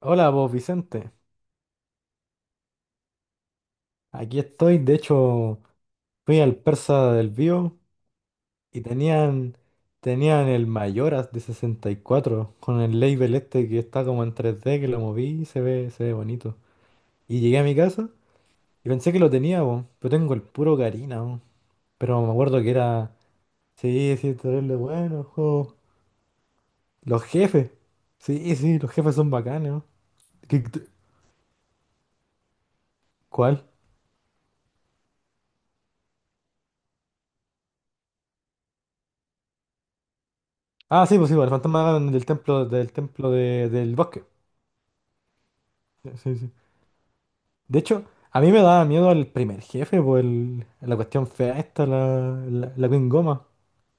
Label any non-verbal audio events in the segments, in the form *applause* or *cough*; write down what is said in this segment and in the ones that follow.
Hola vos, Vicente. Aquí estoy. De hecho, fui al Persa del Bío y tenían el Mayoras de 64 con el label este que está como en 3D que lo moví y se ve bonito. Y llegué a mi casa y pensé que lo tenía, vos, pero tengo el puro Karina, vos. Pero me acuerdo que era, sí, sí, terrible bueno, el juego. Los jefes. Sí, sí, los jefes son bacanes, vos. ¿Qué- qué- ¿Cuál? Ah, sí, pues, el fantasma del templo, del bosque. Sí, sí, sí. De hecho, a mí me daba miedo el primer jefe, por la cuestión fea esta, la Queen Goma.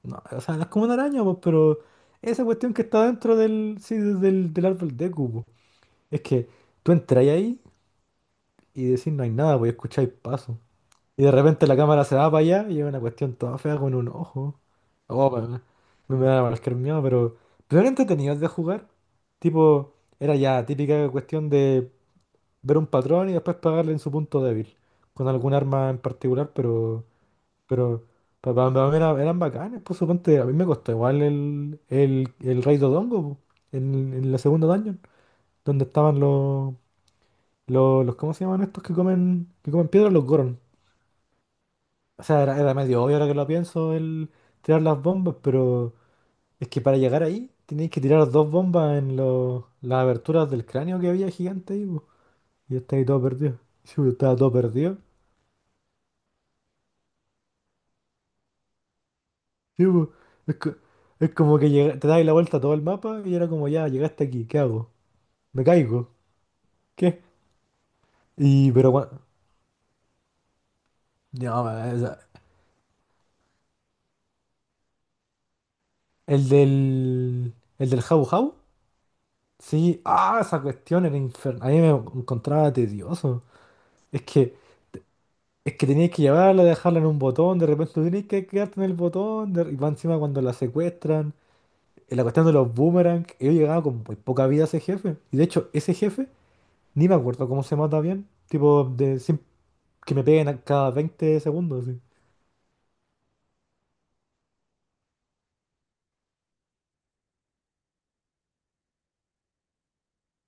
No, o sea, no es como una araña, pues, pero esa cuestión que está dentro del árbol de cubo. Es que tú entras ahí y decís no hay nada, pues escucháis pasos. Y de repente la cámara se va para allá y es una cuestión toda fea con un ojo. Oh, pa- me da cualquier miedo, pero eran entretenidos de jugar. Tipo, era ya típica cuestión de ver un patrón y después pegarle en su punto débil, con algún arma en particular, pero para mí eran bacanes, pues suponte, a mí me costó igual el Rey Dodongo, po, en la segunda dungeon, donde estaban los- ¿cómo se llaman estos que que comen piedra? Los Goron. O sea, era, era medio obvio ahora que lo pienso el tirar las bombas, pero es que para llegar ahí tenéis que tirar dos bombas en los, las aberturas del cráneo que había gigante ahí, po, y yo estaba ahí todo perdido. *laughs* Sí, yo estaba todo perdido. Sí, po. es, co- es como que te das la vuelta a todo el mapa y era como, ya, llegaste aquí, ¿qué hago? ¿Me caigo? ¿Qué? Y, pero, cua- no, esa- El del, el del Jabu Jabu, sí, ah, esa cuestión era infernal, a mí me encontraba tedioso. Es que, es que tenías que llevarla, dejarla en un botón, de repente tenías que quedarte en el botón, y va encima cuando la secuestran, en la cuestión de los boomerang, yo llegaba con muy poca vida a ese jefe, y de hecho, ese jefe, ni me acuerdo cómo se mata bien, tipo, de, que me peguen a cada 20 segundos, así.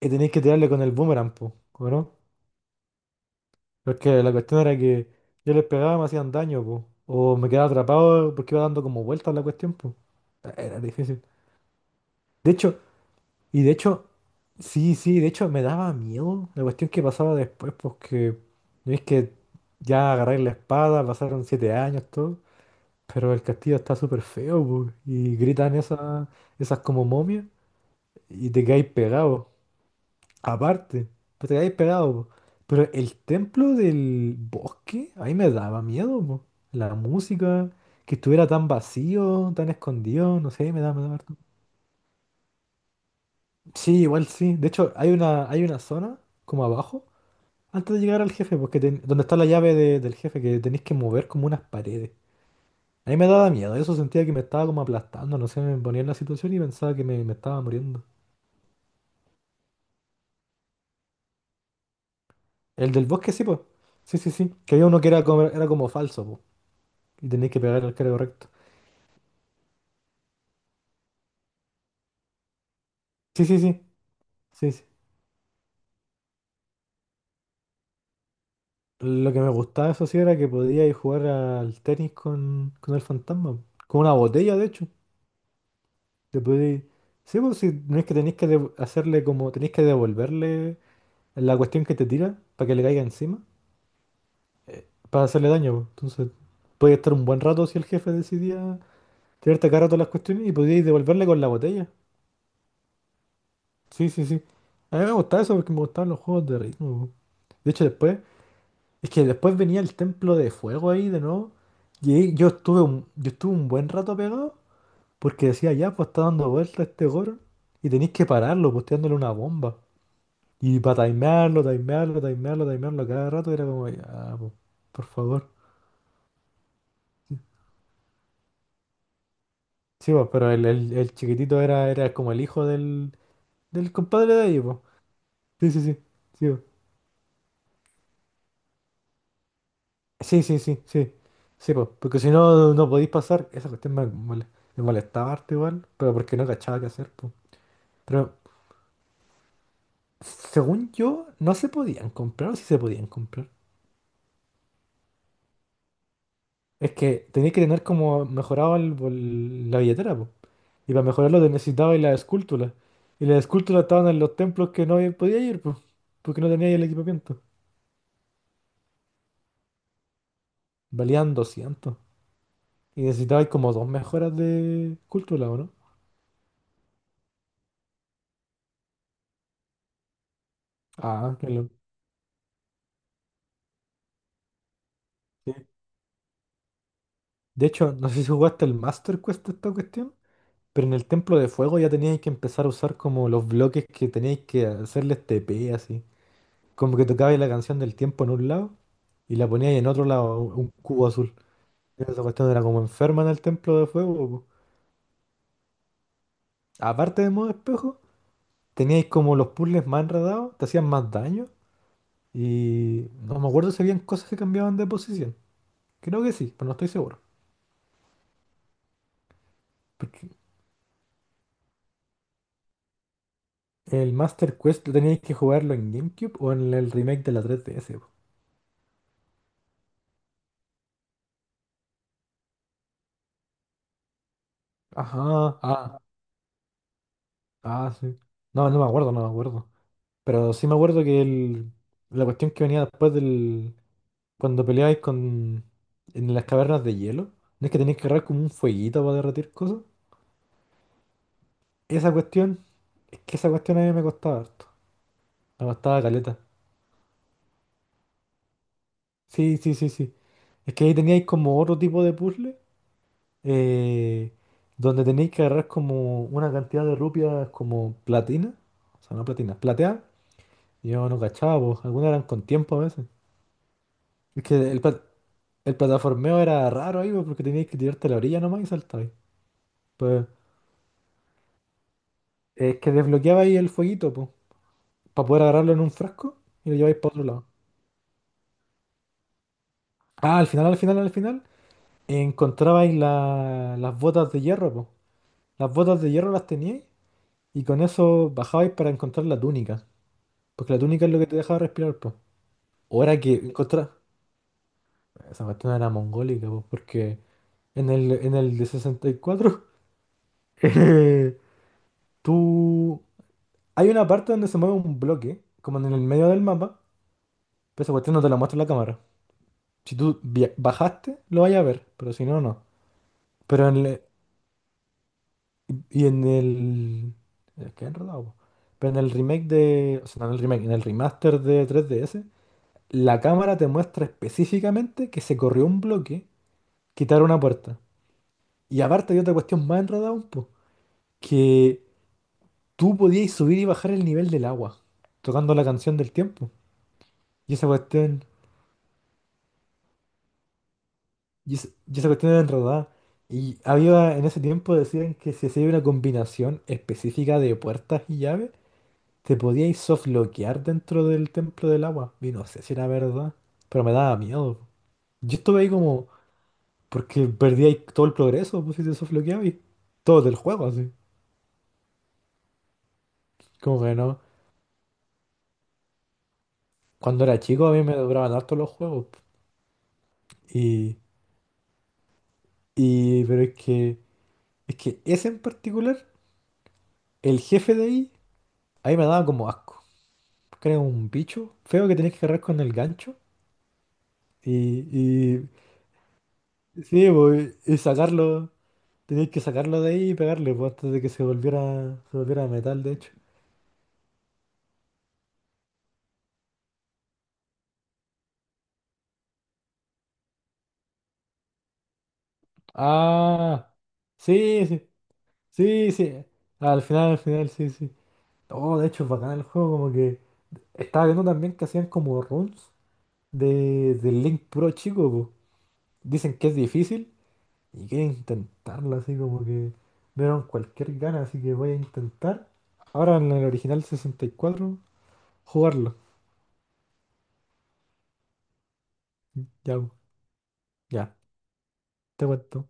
Y tenéis que tirarle con el boomerang, po, ¿o no? Porque la cuestión era que yo les pegaba y me hacían daño, po. O me quedaba atrapado porque iba dando como vueltas la cuestión, po. Era difícil. De hecho, y de hecho, sí, sí, de hecho me daba miedo la cuestión que pasaba después, porque no es que ya agarré la espada, pasaron 7 años, todo, pero el castillo está súper feo, po, y gritan esas como momias y te quedáis pegado. Aparte, pues te quedáis pegado, po. Pero el templo del bosque, ahí me daba miedo, po. La música, que estuviera tan vacío, tan escondido, no sé, me daba harto. Sí, igual sí. De hecho, hay una zona, como abajo, antes de llegar al jefe, porque donde está la llave del jefe, que tenéis que mover como unas paredes. A mí me daba miedo, eso sentía que me estaba como aplastando, no sé, me ponía en la situación y pensaba que me estaba muriendo. El del bosque sí, pues. Sí, sí, sí. Que había uno que era como falso, pues. Y tenéis que pegar al cara correcto. Sí, sí, sí, sí, sí. Lo que me gustaba, eso sí, era que podía ir a jugar al tenis con el fantasma. Con una botella, de hecho. Te podía ir- Sí, pues sí, no es que tenéis que hacerle como... Tenéis que devolverle la cuestión que te tira para que le caiga encima. Para hacerle daño, pues. Entonces, podía estar un buen rato si el jefe decidía tirarte cada rato las cuestiones y podíais devolverle con la botella. Sí, sí, sí. A mí me gustaba eso porque me gustaban los juegos de ritmo, pues. De hecho, después... Es que después venía el templo de fuego ahí de nuevo. Y ahí yo estuve un buen rato pegado porque decía, ya, pues está dando vuelta este Goron. Y tenéis que pararlo, posteándole una bomba. Y para timearlo, timearlo, timearlo, timearlo cada rato era como, ya, po, por favor. Sí, po, pero el chiquitito era, era como el hijo del, del compadre de ellos, po. Sí, sí, sí. Sí, po. Sí, sí, sí, sí. Sí, po, porque si no, no podéis pasar. Esa cuestión me molestaba harto igual, pero porque no cachaba qué hacer, po. Pero según yo, no se podían comprar o sí se podían comprar. Es que tenías que tener como mejorado la billetera, po. Y para mejorarlo te necesitabas las esculturas. Y las esculturas estaban en los templos que no podía ir, pues, porque no tenía el equipamiento. Valían 200. Y necesitabas como dos mejoras de escultura, ¿o no? Ah, qué lo... sí. De hecho, no sé si jugaste el Master Quest de esta cuestión, pero en el Templo de Fuego ya teníais que empezar a usar como los bloques que teníais que hacerles TP, así. Como que tocabais la canción del tiempo en un lado y la poníais en otro lado, un cubo azul. Esa cuestión era como enferma en el templo de fuego, po. Aparte de modo espejo, teníais como los puzzles más enredados, te hacían más daño y no me acuerdo si habían cosas que cambiaban de posición. Creo que sí, pero no estoy seguro. Porque el Master Quest lo teníais que jugarlo en GameCube o en el remake de la 3DS, po. Ajá, sí. No, no me acuerdo, no me acuerdo. Pero sí me acuerdo que la cuestión que venía después. Cuando peleáis con... en las cavernas de hielo, no es que tenéis que agarrar como un fueguito para derretir cosas. Esa cuestión, es que esa cuestión a mí me costaba harto. Me costaba caleta. Sí, sí, sí, sí. Es que ahí teníais como otro tipo de puzzle, eh, donde tenéis que agarrar como una cantidad de rupias como platina. O sea, no platinas, plateadas. Yo no cachaba, pues. Algunas eran con tiempo a veces. Es que el, pla- el plataformeo era raro ahí, pues, porque teníais que tirarte a la orilla nomás y saltar. Es que desbloqueabais el fueguito, pues, para poder agarrarlo en un frasco y lo lleváis para otro lado. Ah, al final, encontrabais las botas de hierro, po. Las botas de hierro las teníais y con eso bajabais para encontrar la túnica. Porque la túnica es lo que te dejaba respirar, po. O era que encontrar... Esa cuestión era mongólica, po, porque en el de 64, *laughs* eh, tú... Hay una parte donde se mueve un bloque, como en el medio del mapa, pero esa cuestión no te la muestra la cámara. Si tú bajaste, lo vayas a ver, pero si no, no. Pero en el, y en el... qué enredado, po. Pero en el remake de... O sea, no en el remake, en el remaster de tres D S la cámara te muestra específicamente que se corrió un bloque, quitar una puerta. Y aparte hay otra cuestión más enredada un po, que tú podías subir y bajar el nivel del agua, tocando la canción del tiempo. Y esa cuestión... y esa cuestión era enredada. Y había, en ese tiempo decían que si hacía una combinación específica de puertas y llaves, te podíais softloquear dentro del templo del agua. Y no sé si era verdad, pero me daba miedo. Yo estuve ahí como, porque perdíais todo el progreso, pues si te softloqueabais. Todo del juego, así. Como que no. Cuando era chico a mí me duraban harto los juegos. Y, pero es que ese en particular, el jefe de ahí, ahí me daba como asco, creo, un bicho feo que tenés que agarrar con el gancho y sí, pues, y sacarlo, tenés que sacarlo de ahí y pegarle, pues, antes de que se volviera metal, de hecho. Ah, sí, sí, sí, sí. Al final, sí, sí. Oh, de hecho, es bacán el juego, como que estaba viendo también que hacían como runs de, del Link puro chico, pues. Dicen que es difícil. Y quería intentarlo, así como que me dieron cualquier gana, así que voy a intentar. Ahora en el original 64 jugarlo. Ya, ya, te cuento.